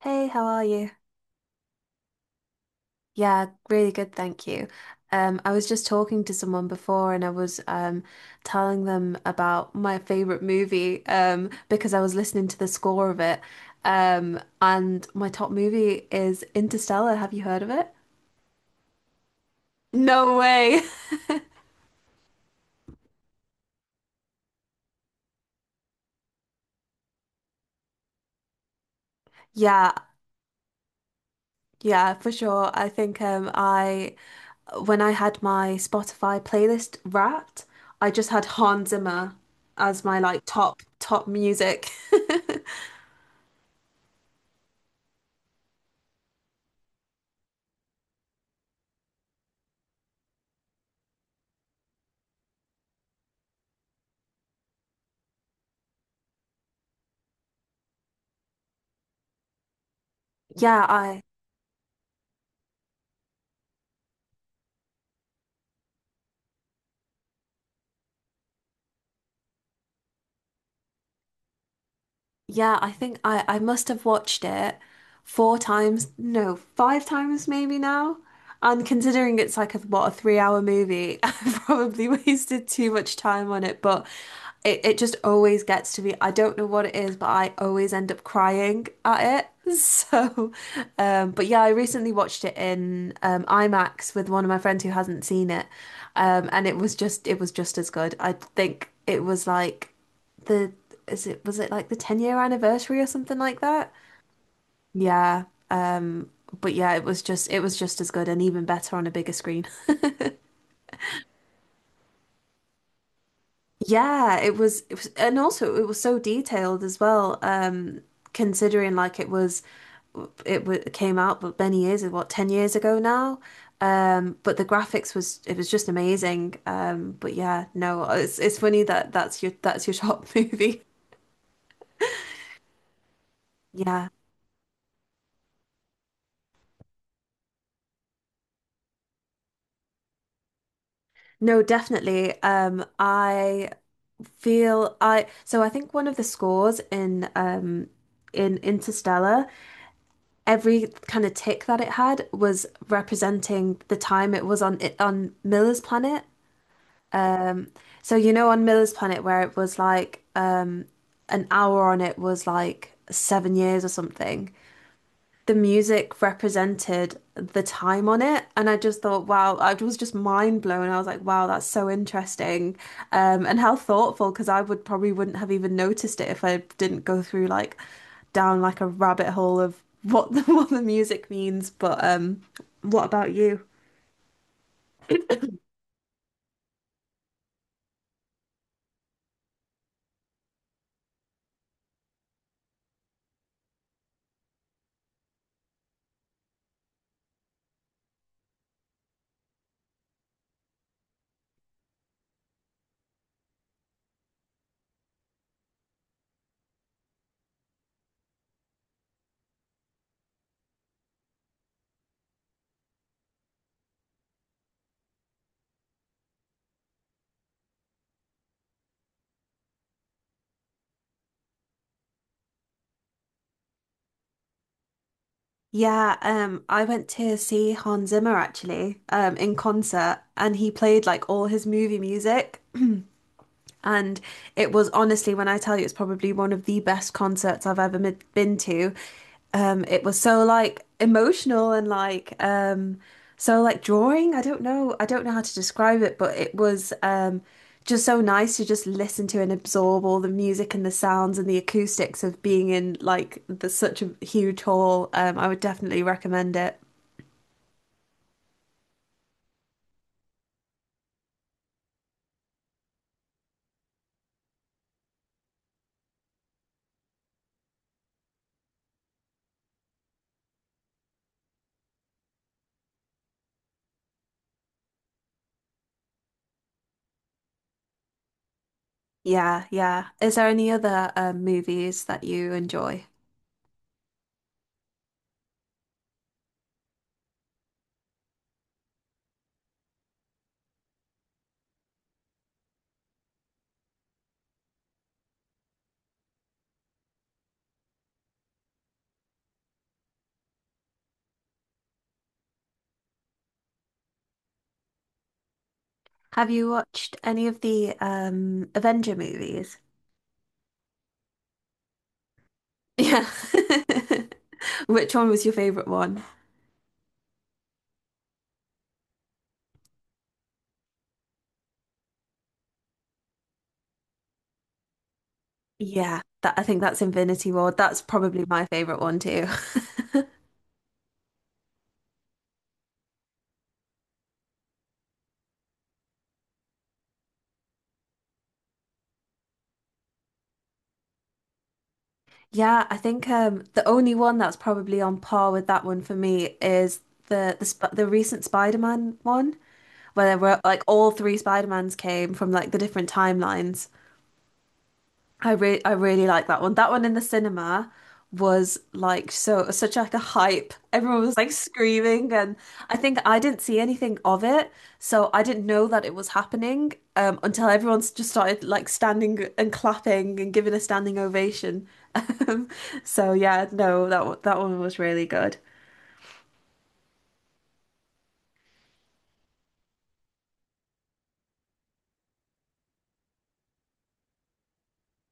Hey, how are you? Yeah, really good, thank you. I was just talking to someone before and I was telling them about my favorite movie because I was listening to the score of it. And my top movie is Interstellar. Have you heard of it? No way. Yeah, yeah, for sure. I think I when I had my Spotify playlist wrapped, I just had Hans Zimmer as my like top music. Yeah, I Yeah, I think I must have watched it four times, no, five times maybe now. And considering it's like a, what, a 3 hour movie, I've probably wasted too much time on it. But it just always gets to me. I don't know what it is, but I always end up crying at it. So, but yeah, I recently watched it in IMAX with one of my friends who hasn't seen it. And it was just as good. I think it was like, the is it was it like the 10-year anniversary or something like that? Yeah. But yeah, it was just as good and even better on a bigger screen. Yeah, it was and also it was so detailed as well, considering like it was it w came out but many years, what, 10 years ago now. But the graphics, was it was just amazing. But yeah, no, it's funny that that's your top movie. Yeah. No, definitely. I feel I so I think one of the scores in Interstellar, every kind of tick that it had was representing the time it was on, it on Miller's planet. Um so you know, on Miller's planet where it was like an hour on it was like 7 years or something, the music represented the time on it. And I just thought, wow, I was just mind blown. I was like, wow, that's so interesting. And how thoughtful, because I would probably wouldn't have even noticed it if I didn't go through like down like a rabbit hole of what the what the music means. But what about you? Yeah, I went to see Hans Zimmer actually, in concert, and he played like all his movie music. And it was honestly, when I tell you, it's probably one of the best concerts I've ever been to. It was so like emotional and like so like drawing. I don't know how to describe it, but it was just so nice to just listen to and absorb all the music and the sounds and the acoustics of being in like the, such a huge hall. I would definitely recommend it. Yeah, yeah. Is there any other movies that you enjoy? Have you watched any of the Avenger movies? Yeah. Which one was your favorite one? Yeah, that, I think that's Infinity War. That's probably my favorite one too. Yeah, I think the only one that's probably on par with that one for me is the recent Spider-Man one where there were like all three Spider-Mans came from like the different timelines. I really like that one. That one in the cinema was like so such like a hype. Everyone was like screaming, and I think I didn't see anything of it, so I didn't know that it was happening, until everyone just started like standing and clapping and giving a standing ovation. Um, so yeah, no, that one was really good.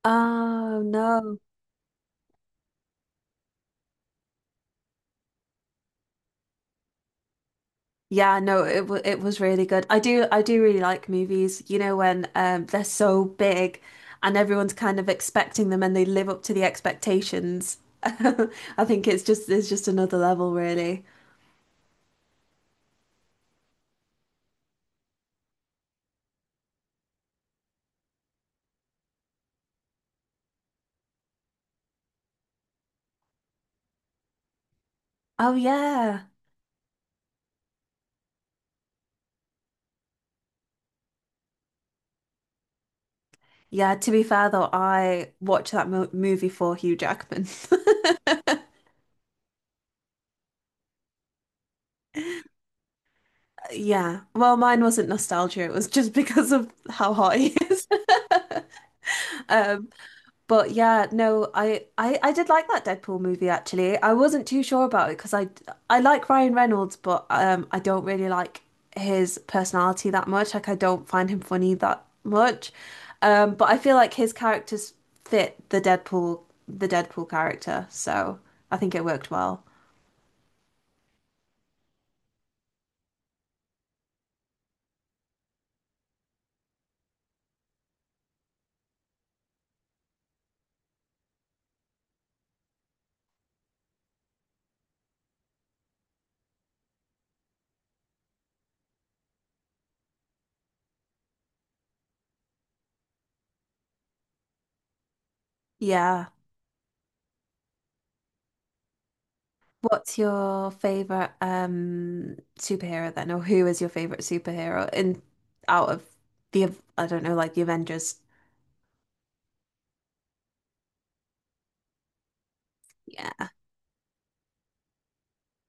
Oh no. Yeah, no, it was really good. I do really like movies, you know, when they're so big and everyone's kind of expecting them and they live up to the expectations. I think it's just another level really. Oh yeah. Yeah, to be fair though, I watched that mo movie for Hugh Jackman. Yeah. Well, mine wasn't nostalgia, it was just because of how hot he is. But yeah, no, I I did like that Deadpool movie actually. I wasn't too sure about it because I like Ryan Reynolds, but I don't really like his personality that much. Like I don't find him funny that much. But I feel like his characters fit the Deadpool character, so I think it worked well. Yeah. What's your favorite superhero then, or who is your favorite superhero in out of the, I don't know, like the Avengers?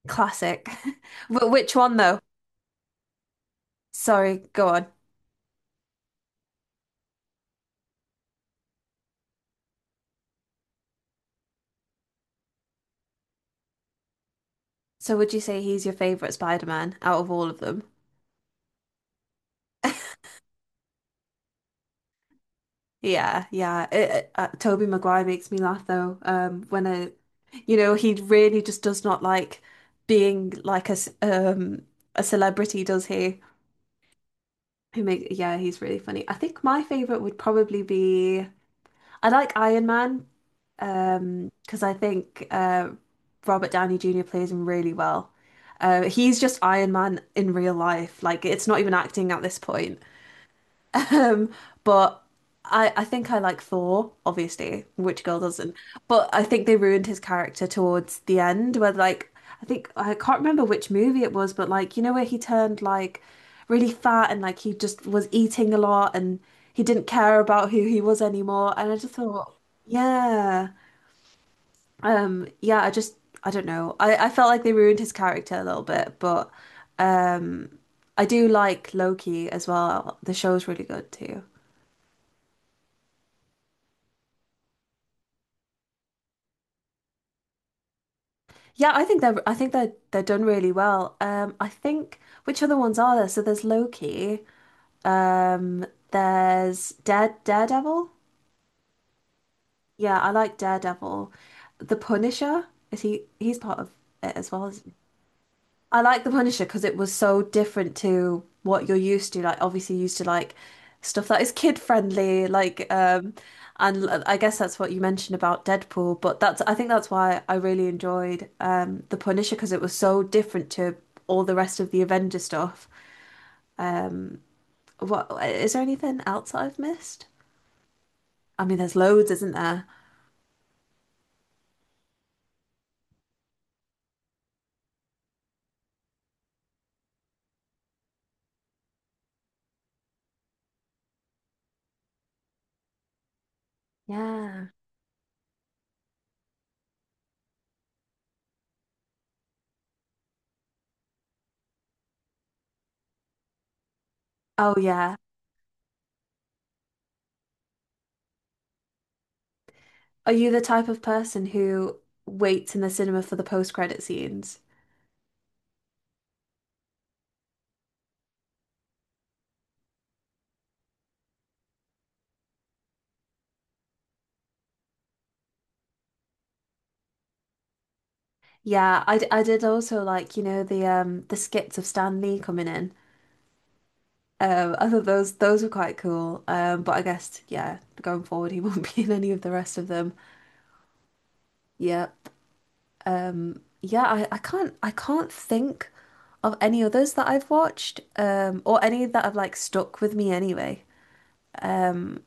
Classic. But which one though? Sorry, go on. So would you say he's your favorite Spider-Man out of all of them? Yeah, yeah. Tobey Maguire makes me laugh though. When I, you know, he really just does not like being like a a celebrity, does he? Who make, yeah, he's really funny. I think my favorite would probably be, I like Iron Man. 'Cause because I think Robert Downey Jr. plays him really well. He's just Iron Man in real life. Like it's not even acting at this point. Um, but I think I like Thor, obviously. Which girl doesn't? But I think they ruined his character towards the end, where like I think I can't remember which movie it was, but like you know where he turned like really fat and like he just was eating a lot and he didn't care about who he was anymore. And I just thought, yeah. Yeah, I just, I don't know. I felt like they ruined his character a little bit, but um I do like Loki as well. The show's really good too. Yeah, I think they're done really well. I think which other ones are there? So there's Loki, um there's Daredevil. Yeah, I like Daredevil. The Punisher, is he he's part of it as well. I like The Punisher because it was so different to what you're used to. Like, obviously, you're used to like stuff that is kid friendly, like, and I guess that's what you mentioned about Deadpool. But that's, I think that's why I really enjoyed, The Punisher, because it was so different to all the rest of the Avenger stuff. Um, what, is there anything else that I've missed? I mean, there's loads, isn't there? Yeah. Oh yeah. Are you the type of person who waits in the cinema for the post-credit scenes? Yeah, I did also like, you know, the skits of Stan Lee coming in. I thought those were quite cool. But I guess, yeah, going forward he won't be in any of the rest of them. Yep. Yeah, I can't think of any others that I've watched, or any that have like stuck with me anyway. Um,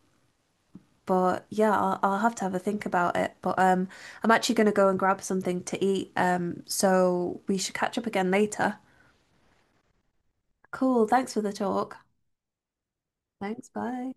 but yeah, I'll have to have a think about it. But I'm actually gonna go and grab something to eat. So we should catch up again later. Cool, thanks for the talk. Thanks. Bye.